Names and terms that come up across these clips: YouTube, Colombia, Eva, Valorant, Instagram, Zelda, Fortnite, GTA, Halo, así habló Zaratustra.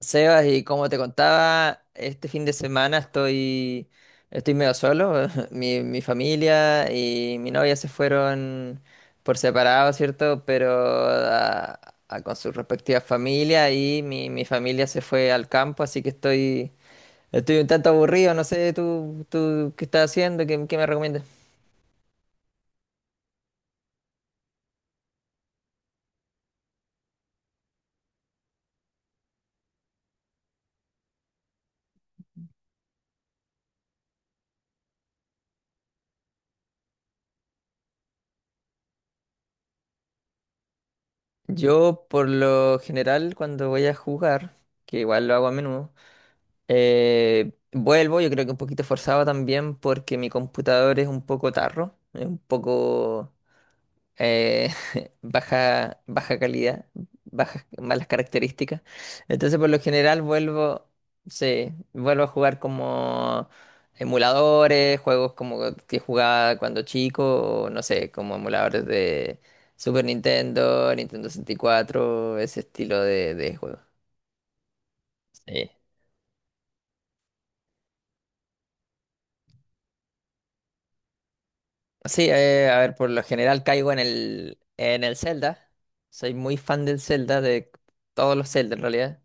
Sebas, y como te contaba, este fin de semana estoy medio solo. Mi familia y mi novia se fueron por separado, ¿cierto? Pero con sus respectivas familias y mi familia se fue al campo, así que estoy un tanto aburrido. No sé, tú qué estás haciendo, qué me recomiendas. Yo, por lo general, cuando voy a jugar, que igual lo hago a menudo, vuelvo, yo creo que un poquito forzado también porque mi computador es un poco tarro, es un poco eh, baja calidad, bajas, malas características. Entonces, por lo general, vuelvo, sí, vuelvo a jugar como emuladores, juegos como que jugaba cuando chico, o no sé, como emuladores de Super Nintendo, Nintendo 64, ese estilo de juegos. Sí, a ver, por lo general caigo en en el Zelda. Soy muy fan del Zelda, de todos los Zelda en realidad.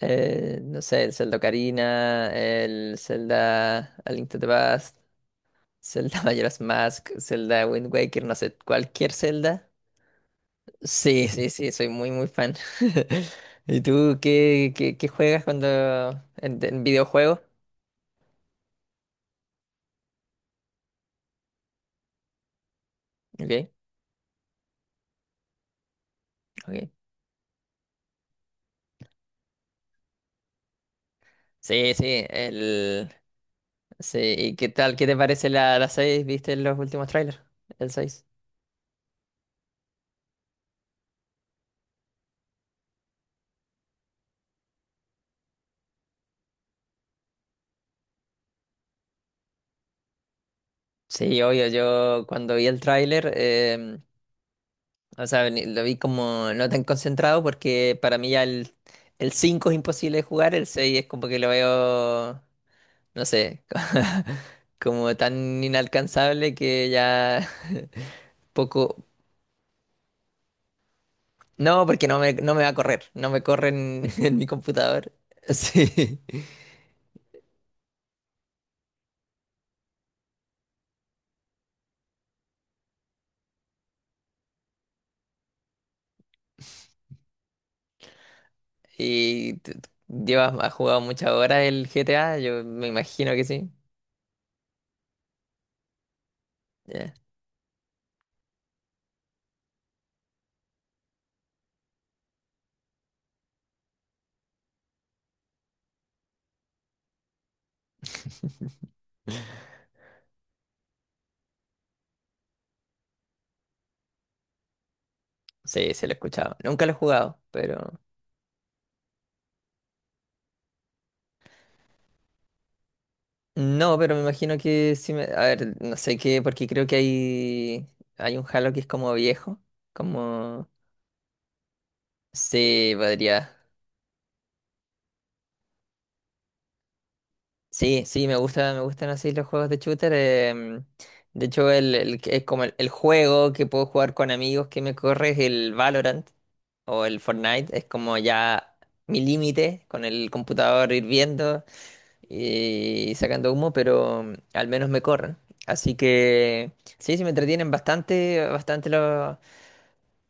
No sé, el Zelda Ocarina, el Zelda A Link to the Past, Zelda Majora's Mask, Zelda Wind Waker, no sé, cualquier Zelda. Sí, sí, sí, soy muy fan. ¿Y tú qué, qué juegas cuando en videojuegos? Ok, ok. Sí, sí, el... Sí, ¿y qué tal? ¿Qué te parece la seis? ¿Viste los últimos trailers? El 6. Sí, obvio, yo cuando vi el tráiler, o sea, lo vi como no tan concentrado porque para mí ya el 5 es imposible de jugar, el 6 es como que lo veo, no sé, como tan inalcanzable que ya poco... No, porque no no me va a correr, no me corre en, en mi computador. Sí. ¿Y llevas, has jugado muchas horas el GTA? Yo me imagino que sí. Ya. Sí, se lo he escuchado. Nunca lo he jugado, pero... No, pero me imagino que sí me... A ver, no sé qué, porque creo que hay... Hay un Halo que es como viejo. Como... Sí, podría. Sí, sí, me gusta, me gustan así los juegos de shooter. De hecho, el que es como el juego que puedo jugar con amigos que me corre es el Valorant o el Fortnite. Es como ya mi límite con el computador hirviendo y sacando humo, pero al menos me corren. Así que sí, sí me entretienen bastante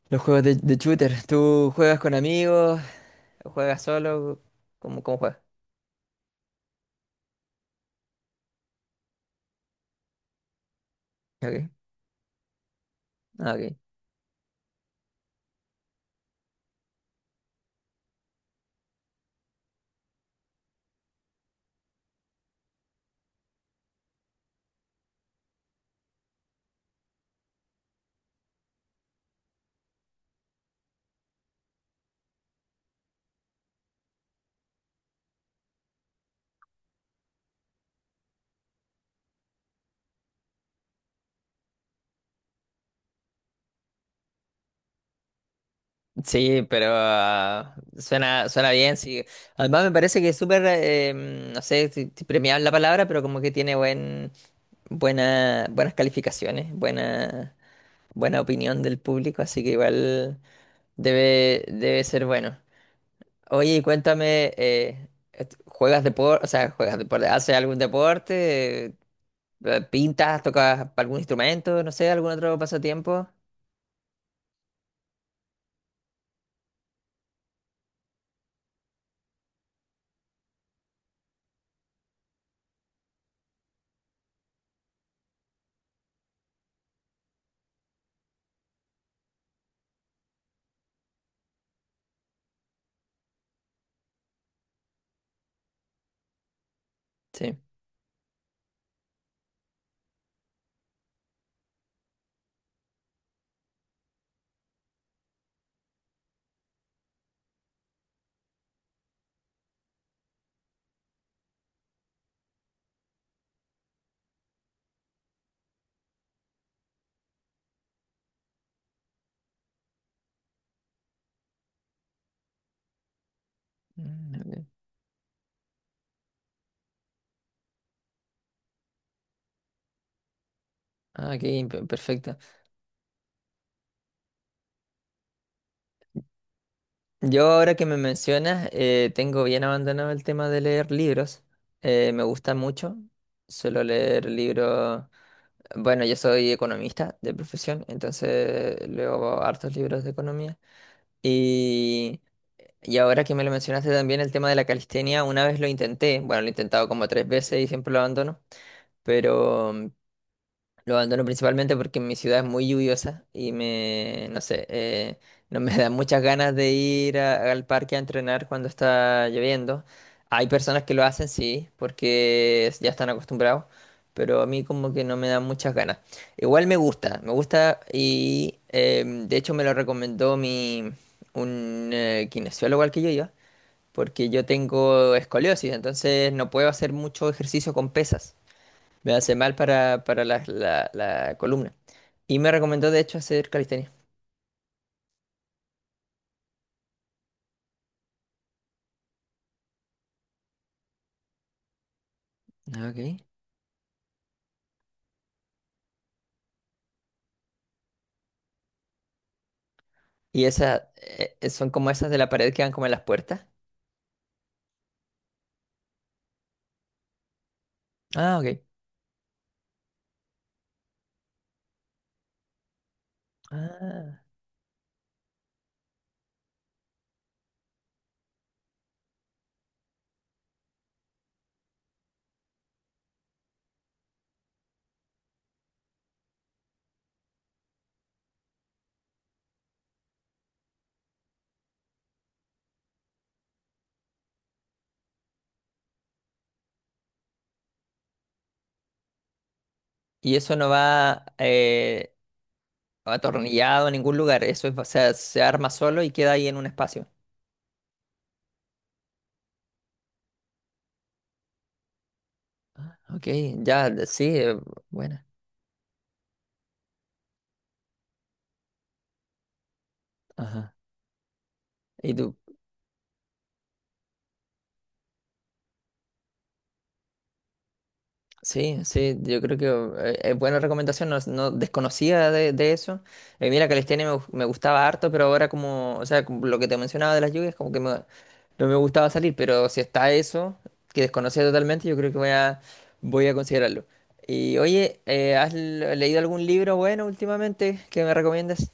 los juegos de shooter. ¿Tú juegas con amigos? ¿Juegas solo? ¿Cómo, cómo juegas? Okay. Ah, ok. Sí, pero suena, suena bien, sí. Además me parece que es súper, no sé si, si premiable la palabra, pero como que tiene buen, buena, buenas calificaciones, buena, buena opinión del público, así que igual debe, debe ser bueno. Oye, y cuéntame, ¿juegas deporte? O sea, ¿juegas deporte? ¿Haces algún deporte? ¿Pintas? ¿Tocas algún instrumento? No sé, algún otro pasatiempo. Sí. Mm, ok. Ah, ok, perfecto. Yo ahora que me mencionas, tengo bien abandonado el tema de leer libros. Me gusta mucho. Suelo leer libros. Bueno, yo soy economista de profesión, entonces leo hartos libros de economía. Y, y ahora que me lo mencionaste también el tema de la calistenia, una vez lo intenté. Bueno, lo he intentado como tres veces y siempre lo abandono. Pero lo abandono principalmente porque mi ciudad es muy lluviosa y me, no sé, no me dan muchas ganas de ir al parque a entrenar cuando está lloviendo. Hay personas que lo hacen, sí, porque ya están acostumbrados, pero a mí como que no me dan muchas ganas. Igual me gusta y de hecho me lo recomendó mi, un kinesiólogo al que yo iba, porque yo tengo escoliosis, entonces no puedo hacer mucho ejercicio con pesas. Me hace mal para la columna. Y me recomendó, de hecho, hacer calistenia. Ah, ok. Y esas son como esas de la pared que van como en las puertas. Ah, ok. Ah. Y eso no va atornillado en ningún lugar. Eso es, o sea, se arma solo y queda ahí en un espacio. Ok, ya, sí, buena. Ajá. ¿Y tú? Sí, sí, yo creo que es buena recomendación, no, no desconocía de eso. Mira, calistenia me gustaba harto, pero ahora como, o sea, como lo que te mencionaba de las lluvias, como que no me gustaba salir, pero si está eso, que desconocía totalmente, yo creo que voy a considerarlo. Y oye, ¿has leído algún libro bueno últimamente que me recomiendes?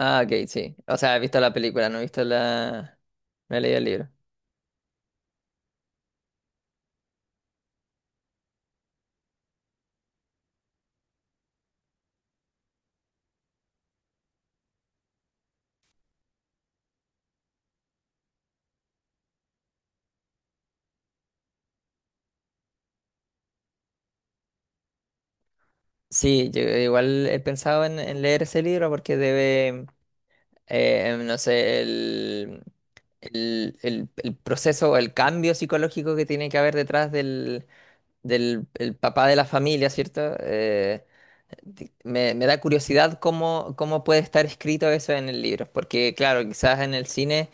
Ah, ok, sí. O sea, he visto la película, no he visto la... No he leído el libro. Sí, yo igual he pensado en leer ese libro porque debe... no sé, el proceso o el cambio psicológico que tiene que haber detrás del, del el papá de la familia, ¿cierto? Me, me da curiosidad cómo, cómo puede estar escrito eso en el libro, porque claro, quizás en el cine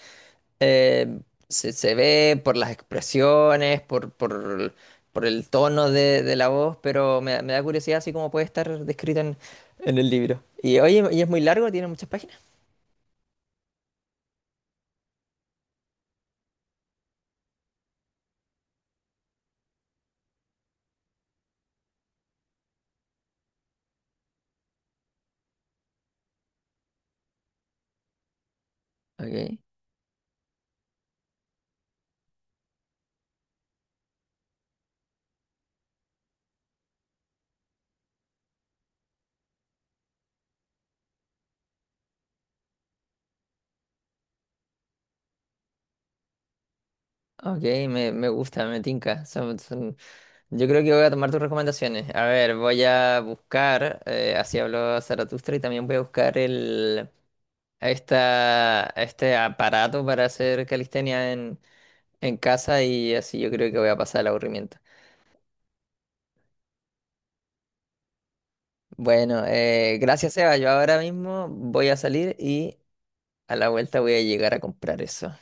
eh, se, se ve por las expresiones, por el tono de la voz, pero me da curiosidad así cómo puede estar descrito en el libro. Y oye, ¿y es muy largo? ¿Tiene muchas páginas? Ok. Ok, me gusta, me tinca. Yo creo que voy a tomar tus recomendaciones. A ver, voy a buscar, así habló Zaratustra, y también voy a buscar este aparato para hacer calistenia en casa y así yo creo que voy a pasar el aburrimiento. Bueno, gracias, Eva. Yo ahora mismo voy a salir y a la vuelta voy a llegar a comprar eso.